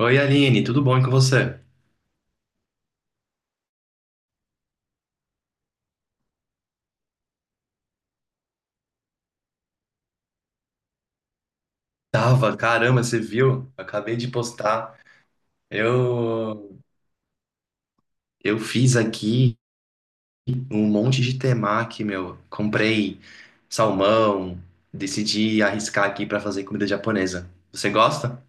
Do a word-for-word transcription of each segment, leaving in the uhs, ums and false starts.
Oi, Aline, tudo bom e com você? Tava, caramba, você viu? Acabei de postar. Eu eu fiz aqui um monte de temaki, meu. Comprei salmão, decidi arriscar aqui pra fazer comida japonesa. Você gosta?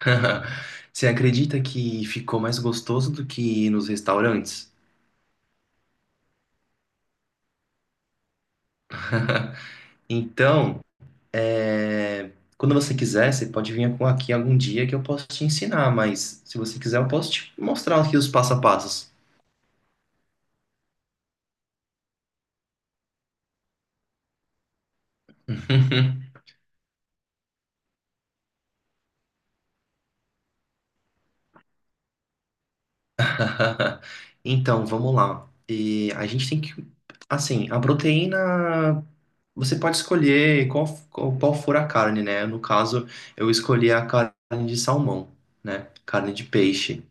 Você acredita que ficou mais gostoso do que ir nos restaurantes? Então, é, quando você quiser, você pode vir com- aqui algum dia que eu posso te ensinar, mas se você quiser, eu posso te mostrar aqui os passo a passo. Uhum. Então, vamos lá. E a gente tem que, assim, a proteína, você pode escolher qual, qual, qual for a carne, né? No caso, eu escolhi a carne de salmão, né? Carne de peixe.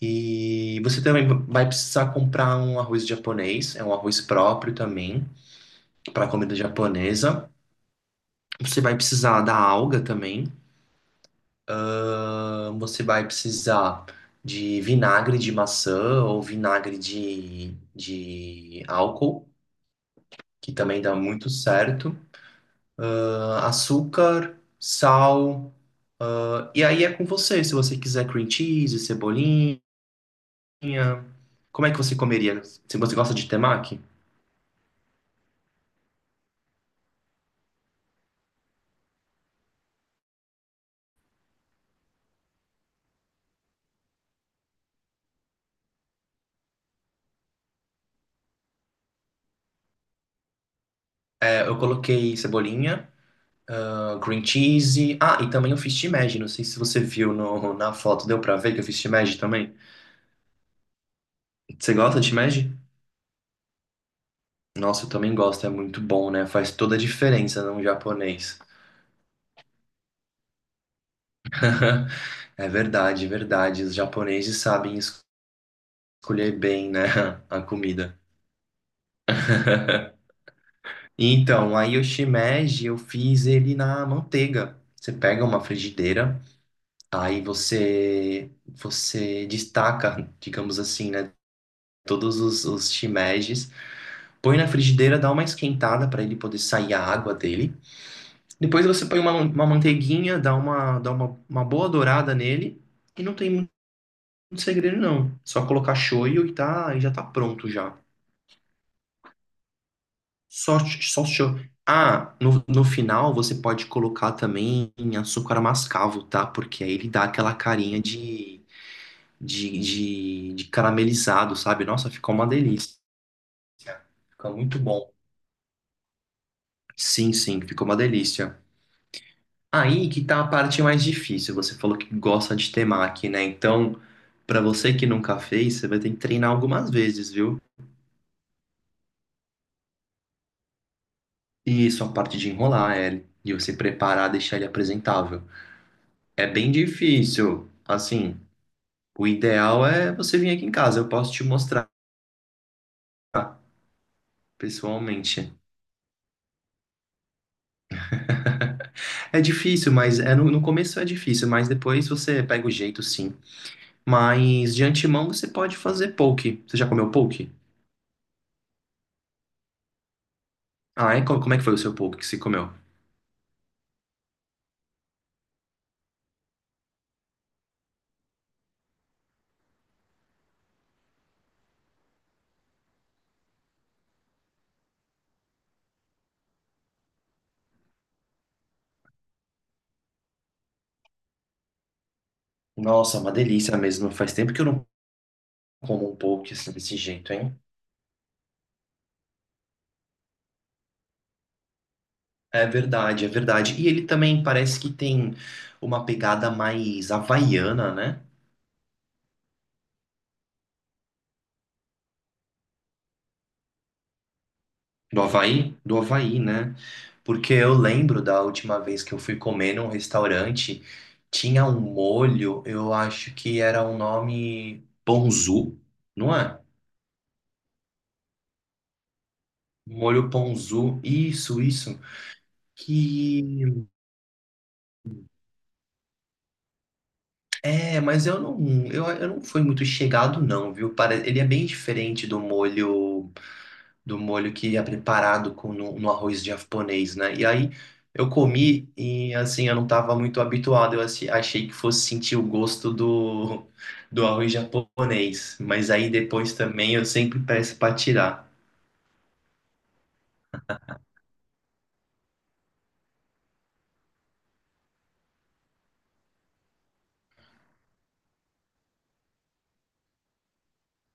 E você também vai precisar comprar um arroz japonês, é um arroz próprio também, para comida japonesa. Você vai precisar da alga também. Ah, você vai precisar de vinagre de maçã ou vinagre de, de álcool, que também dá muito certo. Ah, açúcar, sal. E aí é com você, se você quiser cream cheese, cebolinha. Como é que você comeria? Se você gosta de temaki? É, eu coloquei cebolinha, ah, cream cheese. Ah, e também eu fiz shimeji. Não sei se você viu no- na foto, deu pra ver que eu fiz shimeji também. Você gosta de shimeji? Nossa, eu também gosto, é muito bom, né? Faz toda a diferença num japonês. É verdade, verdade. Os japoneses sabem escolher bem, né, a comida. Então, aí o shimeji, eu fiz ele na manteiga. Você pega uma frigideira, aí você você destaca, digamos assim, né, todos os, os shimejis, põe na frigideira, dá uma esquentada para ele poder sair a água dele. Depois você põe uma, uma manteiguinha, dá uma, dá uma, uma boa dourada nele e não tem muito segredo não. Só colocar shoyu e tá, e já tá pronto já. Só só shoyu. Ah, no, no final você pode colocar também açúcar mascavo, tá? Porque aí ele dá aquela carinha de, de, de, de caramelizado, sabe? Nossa, ficou uma delícia. Fica muito bom. Sim, sim, ficou uma delícia. Aí que tá a parte mais difícil. Você falou que gosta de temaki, né? Então, pra você que nunca fez, você vai ter que treinar algumas vezes, viu? E isso, a parte de enrolar ele e você preparar, deixar ele apresentável. É bem difícil. Assim, o ideal é você vir aqui em casa, eu posso te mostrar pessoalmente. É difícil, mas é no, no começo é difícil, mas depois você pega o jeito, sim. Mas de antemão você pode fazer poke. Você já comeu poke? Ah, é? Co- Como é que foi o seu poke que você comeu? Nossa, uma delícia mesmo. Faz tempo que eu não como um poke assim, desse jeito, hein? É verdade, é verdade. E ele também parece que tem uma pegada mais havaiana, né? Do Havaí? Do Havaí, né? Porque eu lembro da última vez que eu fui comer num restaurante, tinha um molho, eu acho que era um nome ponzu, não é? Molho ponzu, isso, isso. Que é, mas eu não, eu, eu não fui muito chegado não, viu? Para, ele é bem diferente do molho do molho que é preparado com no, no arroz japonês, né? E aí eu comi e assim eu não estava muito habituado, eu achi- achei que fosse sentir o gosto do do arroz japonês, mas aí depois também eu sempre peço para tirar.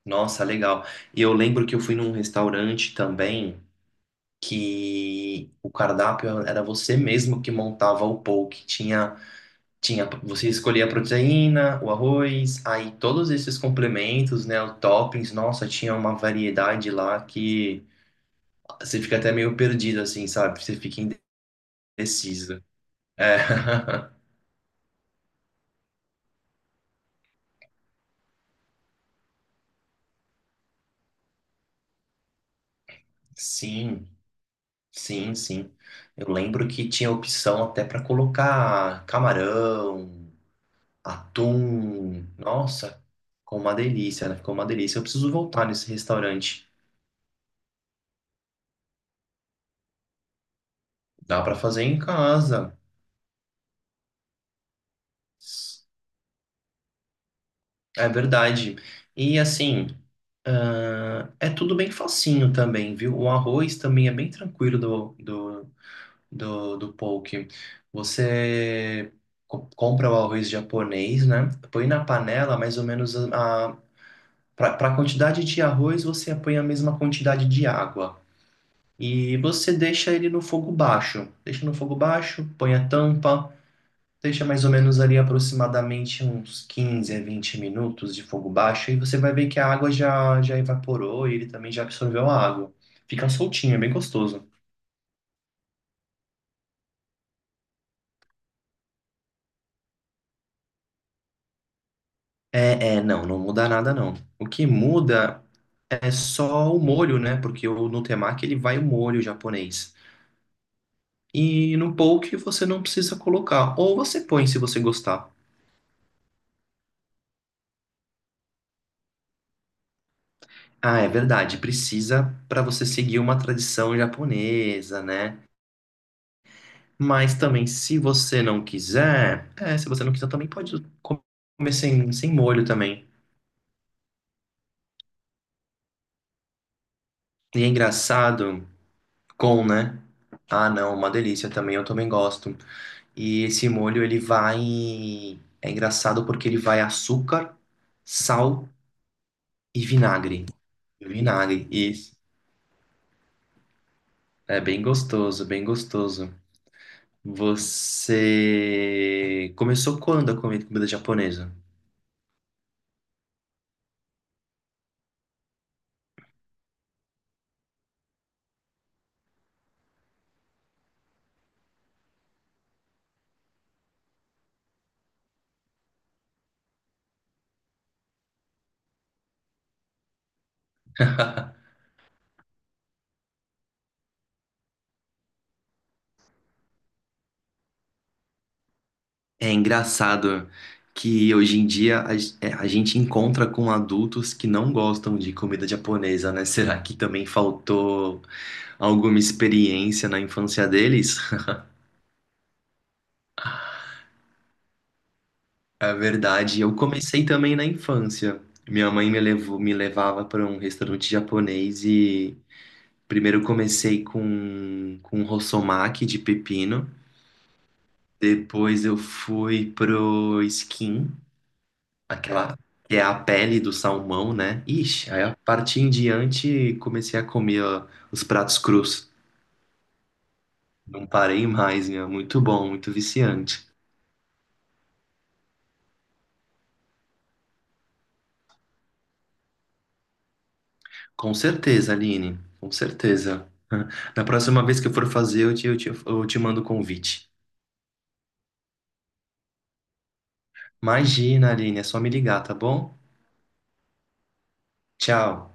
Nossa, legal. E eu lembro que eu fui num restaurante também que o cardápio era você mesmo que montava o poke, tinha Tinha, você escolhia a proteína, o arroz, aí todos esses complementos, né, os toppings, nossa, tinha uma variedade lá que você fica até meio perdido, assim, sabe? Você fica indeciso. É. Sim, sim, sim. Eu lembro que tinha opção até para colocar camarão, atum, nossa, ficou uma delícia, né? Ficou uma delícia. Eu preciso voltar nesse restaurante. Dá para fazer em casa. É verdade. E assim, ah, é tudo bem facinho também, viu? O arroz também é bem tranquilo do, do, do, do poke. Você co- compra o arroz japonês, né? Põe na panela mais ou menos a, para a quantidade de arroz, você põe a mesma quantidade de água. E você deixa ele no fogo baixo. Deixa no fogo baixo, põe a tampa. Deixa mais ou menos ali aproximadamente uns quinze a vinte minutos de fogo baixo e você vai ver que a água já, já evaporou e ele também já absorveu a água. Fica soltinho, é bem gostoso. É, é, não, não muda nada não. O que muda é só o molho, né? Porque o no temaki ele vai o molho japonês. E no poke você não precisa colocar, ou você põe se você gostar. Ah, é verdade, precisa para você seguir uma tradição japonesa, né? Mas também, se você não quiser, é, se você não quiser, também pode comer sem, sem molho também. E é engraçado, com, né? Ah, não, uma delícia também, eu também gosto. E esse molho, ele vai. É engraçado porque ele vai açúcar, sal e vinagre. Vinagre, isso. É bem gostoso, bem gostoso. Você começou quando a comer comida japonesa? É engraçado que hoje em dia a, g- é, a gente encontra com adultos que não gostam de comida japonesa, né? Será que também faltou alguma experiência na infância deles? É verdade, eu comecei também na infância. Minha mãe me levou, me levava para um restaurante japonês e primeiro comecei com, com rossomaki de pepino. Depois eu fui pro skin. Aquela que é a pele do salmão, né? Ixi, aí a partir em diante comecei a comer ó, os pratos crus. Não parei mais, meu. Muito bom, muito viciante. Com certeza, Aline, com certeza. Na próxima vez que eu for fazer, eu te, eu te, eu te mando o convite. Imagina, Aline, é só me ligar, tá bom? Tchau.